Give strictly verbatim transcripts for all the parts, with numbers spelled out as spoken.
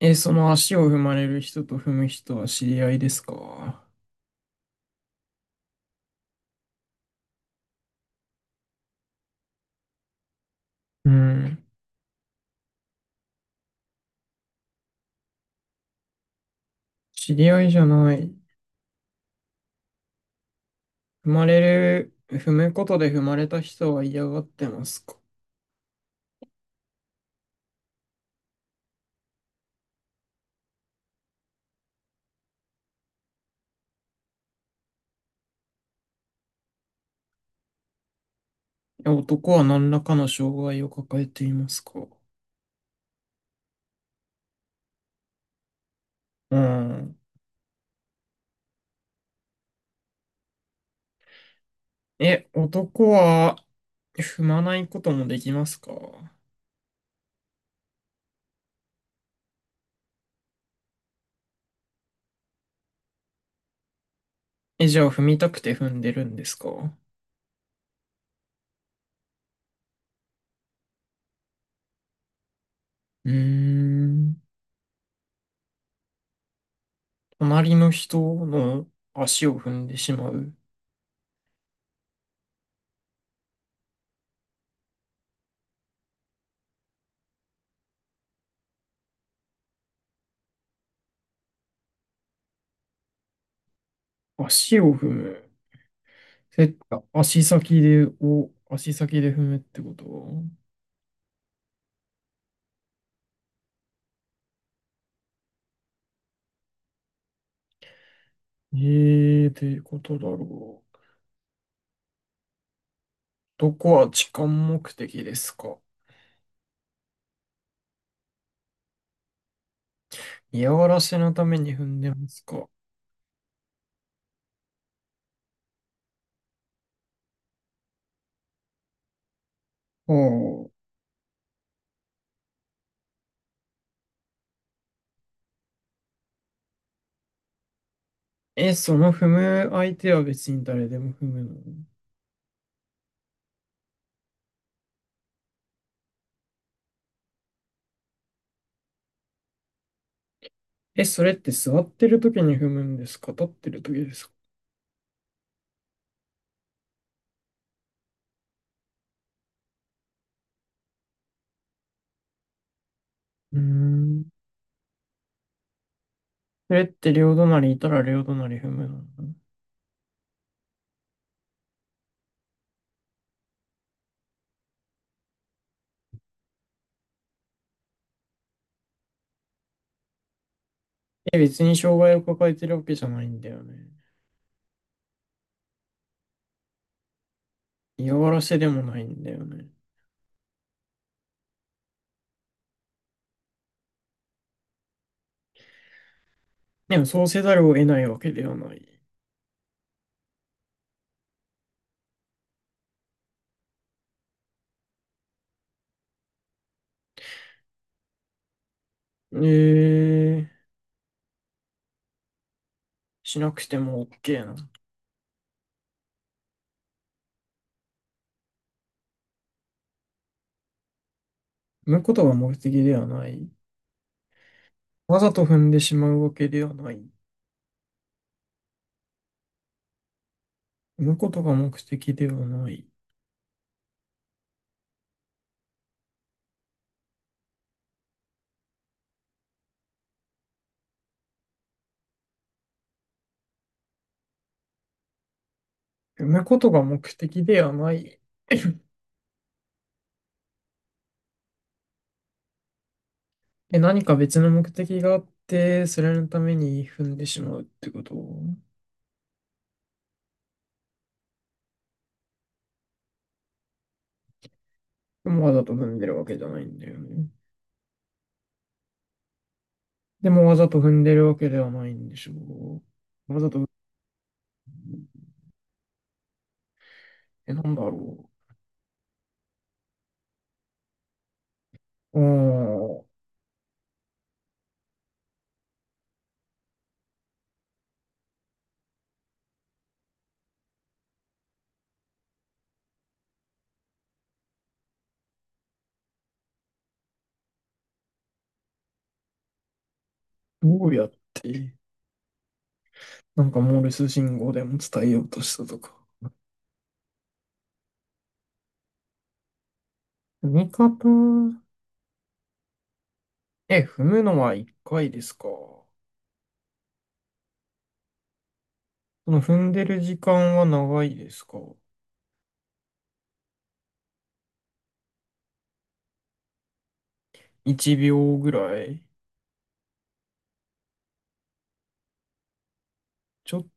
え、その足を踏まれる人と踏む人は知り合いですか？うん。知り合いじゃない。踏まれる、踏むことで踏まれた人は嫌がってますか？え、男は何らかの障害を抱えていますか？うん。え、男は踏まないこともできますか？え、じゃあ踏みたくて踏んでるんですか？うーん。隣の人の足を踏んでしまう。足を踏む。え、足先で、お、足先で踏むってこと？ええー、ってことだろう。どこは痴漢目的ですか？嫌がらせのために踏んでますか？おう。え、その踏む相手は別に誰でも踏むの？え、それって座ってる時に踏むんですか、立ってる時ですか？うーん。それって両隣いたら両隣踏むの？え、別に障害を抱えてるわけじゃないんだよね。嫌がらせでもないんだよね。でもそうせざるを得ないわけではない。えー、しなくても OK な。産むことが目的ではない。わざと踏んでしまうわけではない。産むことが目的ではない。産むことが目的ではない。え、何か別の目的があって、それのために踏んでしまうってこと？でもわざと踏んでるわけじゃないんだよね。でもわざと踏んでるわけではないんでしょう。わざと、え、なんだろう。ああ、どうやって。なんかモールス信号でも伝えようとしたとか。踏み方、え、踏むのはいっかいですか。その踏んでる時間は長いですか。いちびょうぐらい。ちょっと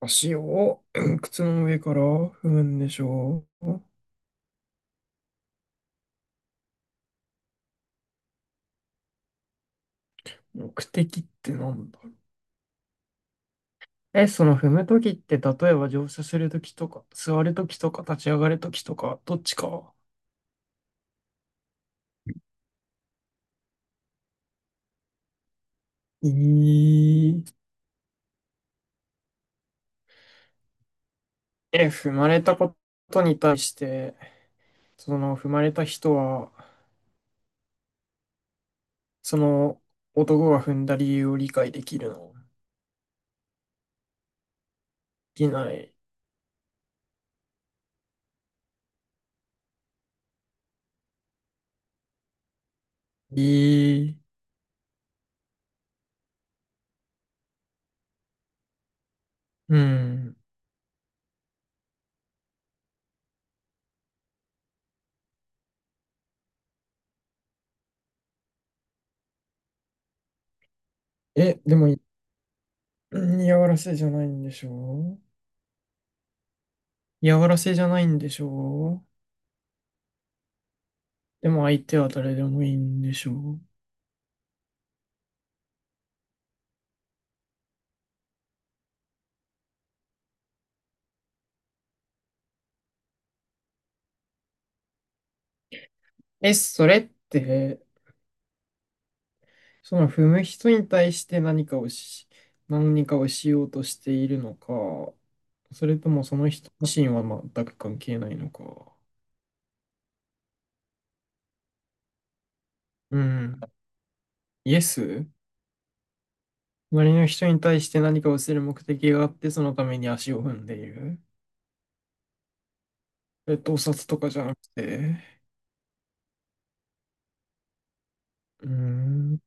足を、うん、靴の上から踏むんでしょう。目的ってなんだろう。え、その踏むときって、例えば乗車するときとか、座るときとか、立ち上がるときとか、どっちか。えー、え、踏まれたことに対して、その踏まれた人は、その男が踏んだ理由を理解できるの？できない。ええ。うん。え、でも、嫌がらせじゃないんでしょう？嫌がらせじゃないんでしょう？でも相手は誰でもいいんでしょう？え、それって、その踏む人に対して何かをし、何かをしようとしているのか、それともその人自身は全く関係ないのか。うん。イエス。隣の人に対して何かをする目的があって、そのために足を踏んでいる。えっと、盗撮とかじゃなくて、うーん、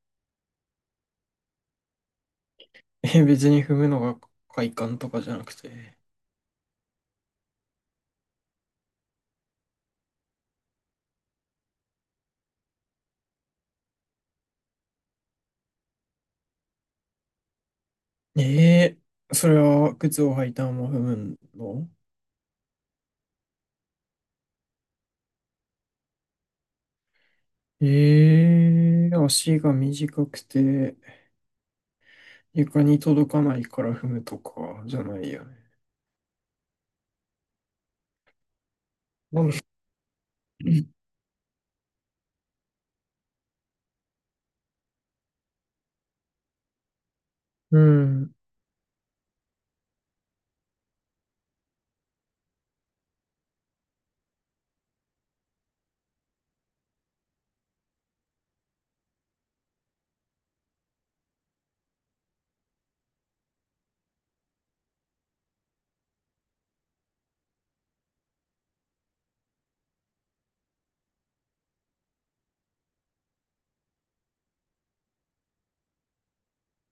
え、別に踏むのが快感とかじゃなくて。えー、それは靴を履いたまま踏むの？えー、足が短くて床に届かないから踏むとかじゃないよね。なんうん、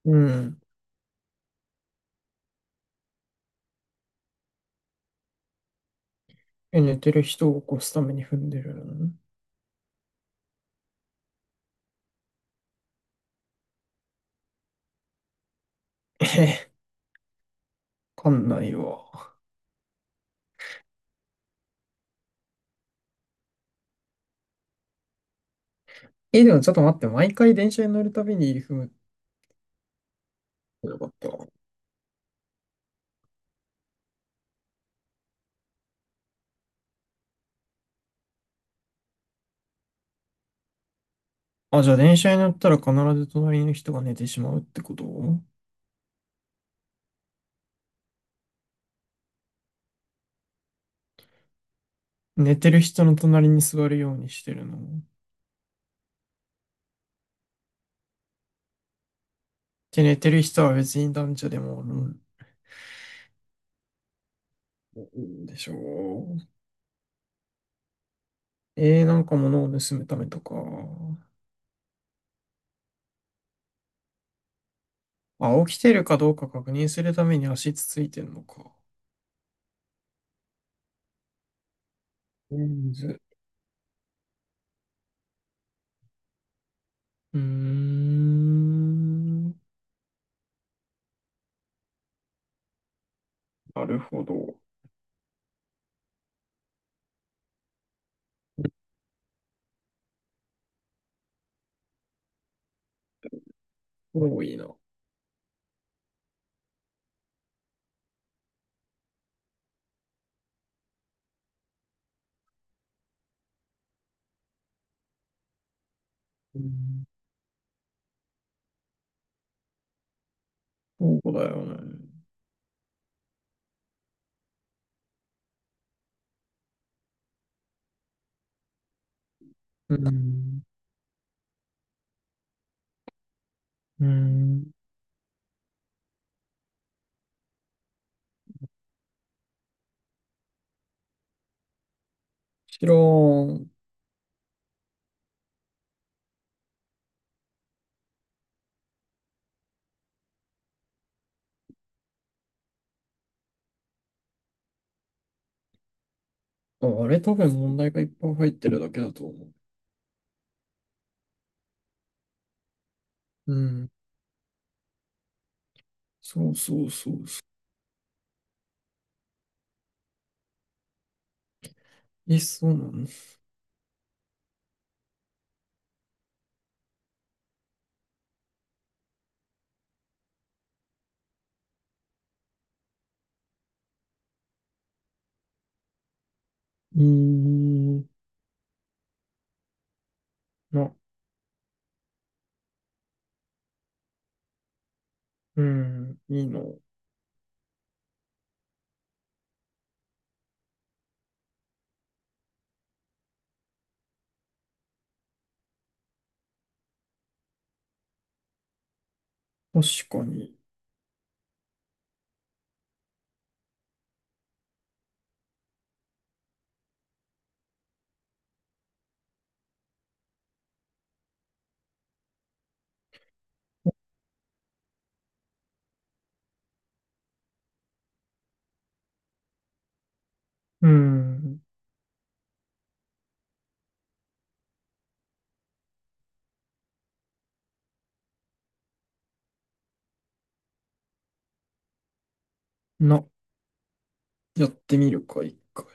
うん。え、寝てる人を起こすために踏んでるの？ え、わかんないわ。え、でもちょっと待って、毎回電車に乗るたびに踏むってよかったな。あ、じゃあ電車に乗ったら必ず隣の人が寝てしまうってこと？寝てる人の隣に座るようにしてるの。で、寝てる人は別に男女でもおるん、うんでしょう。えー、なんか物を盗むためとか。あ、起きてるかどうか確認するために足つついてんのか。レンズ。うーん。なるほど。多いな。うん、そうだよね。うん。うーん。知らん。あ、あれ多分問題がいっぱい入ってるだけだと思う。うん。そうそうそうそう。え、そうなの？いいな。うん。いいの。確かに。うん。な。やってみるか、一回。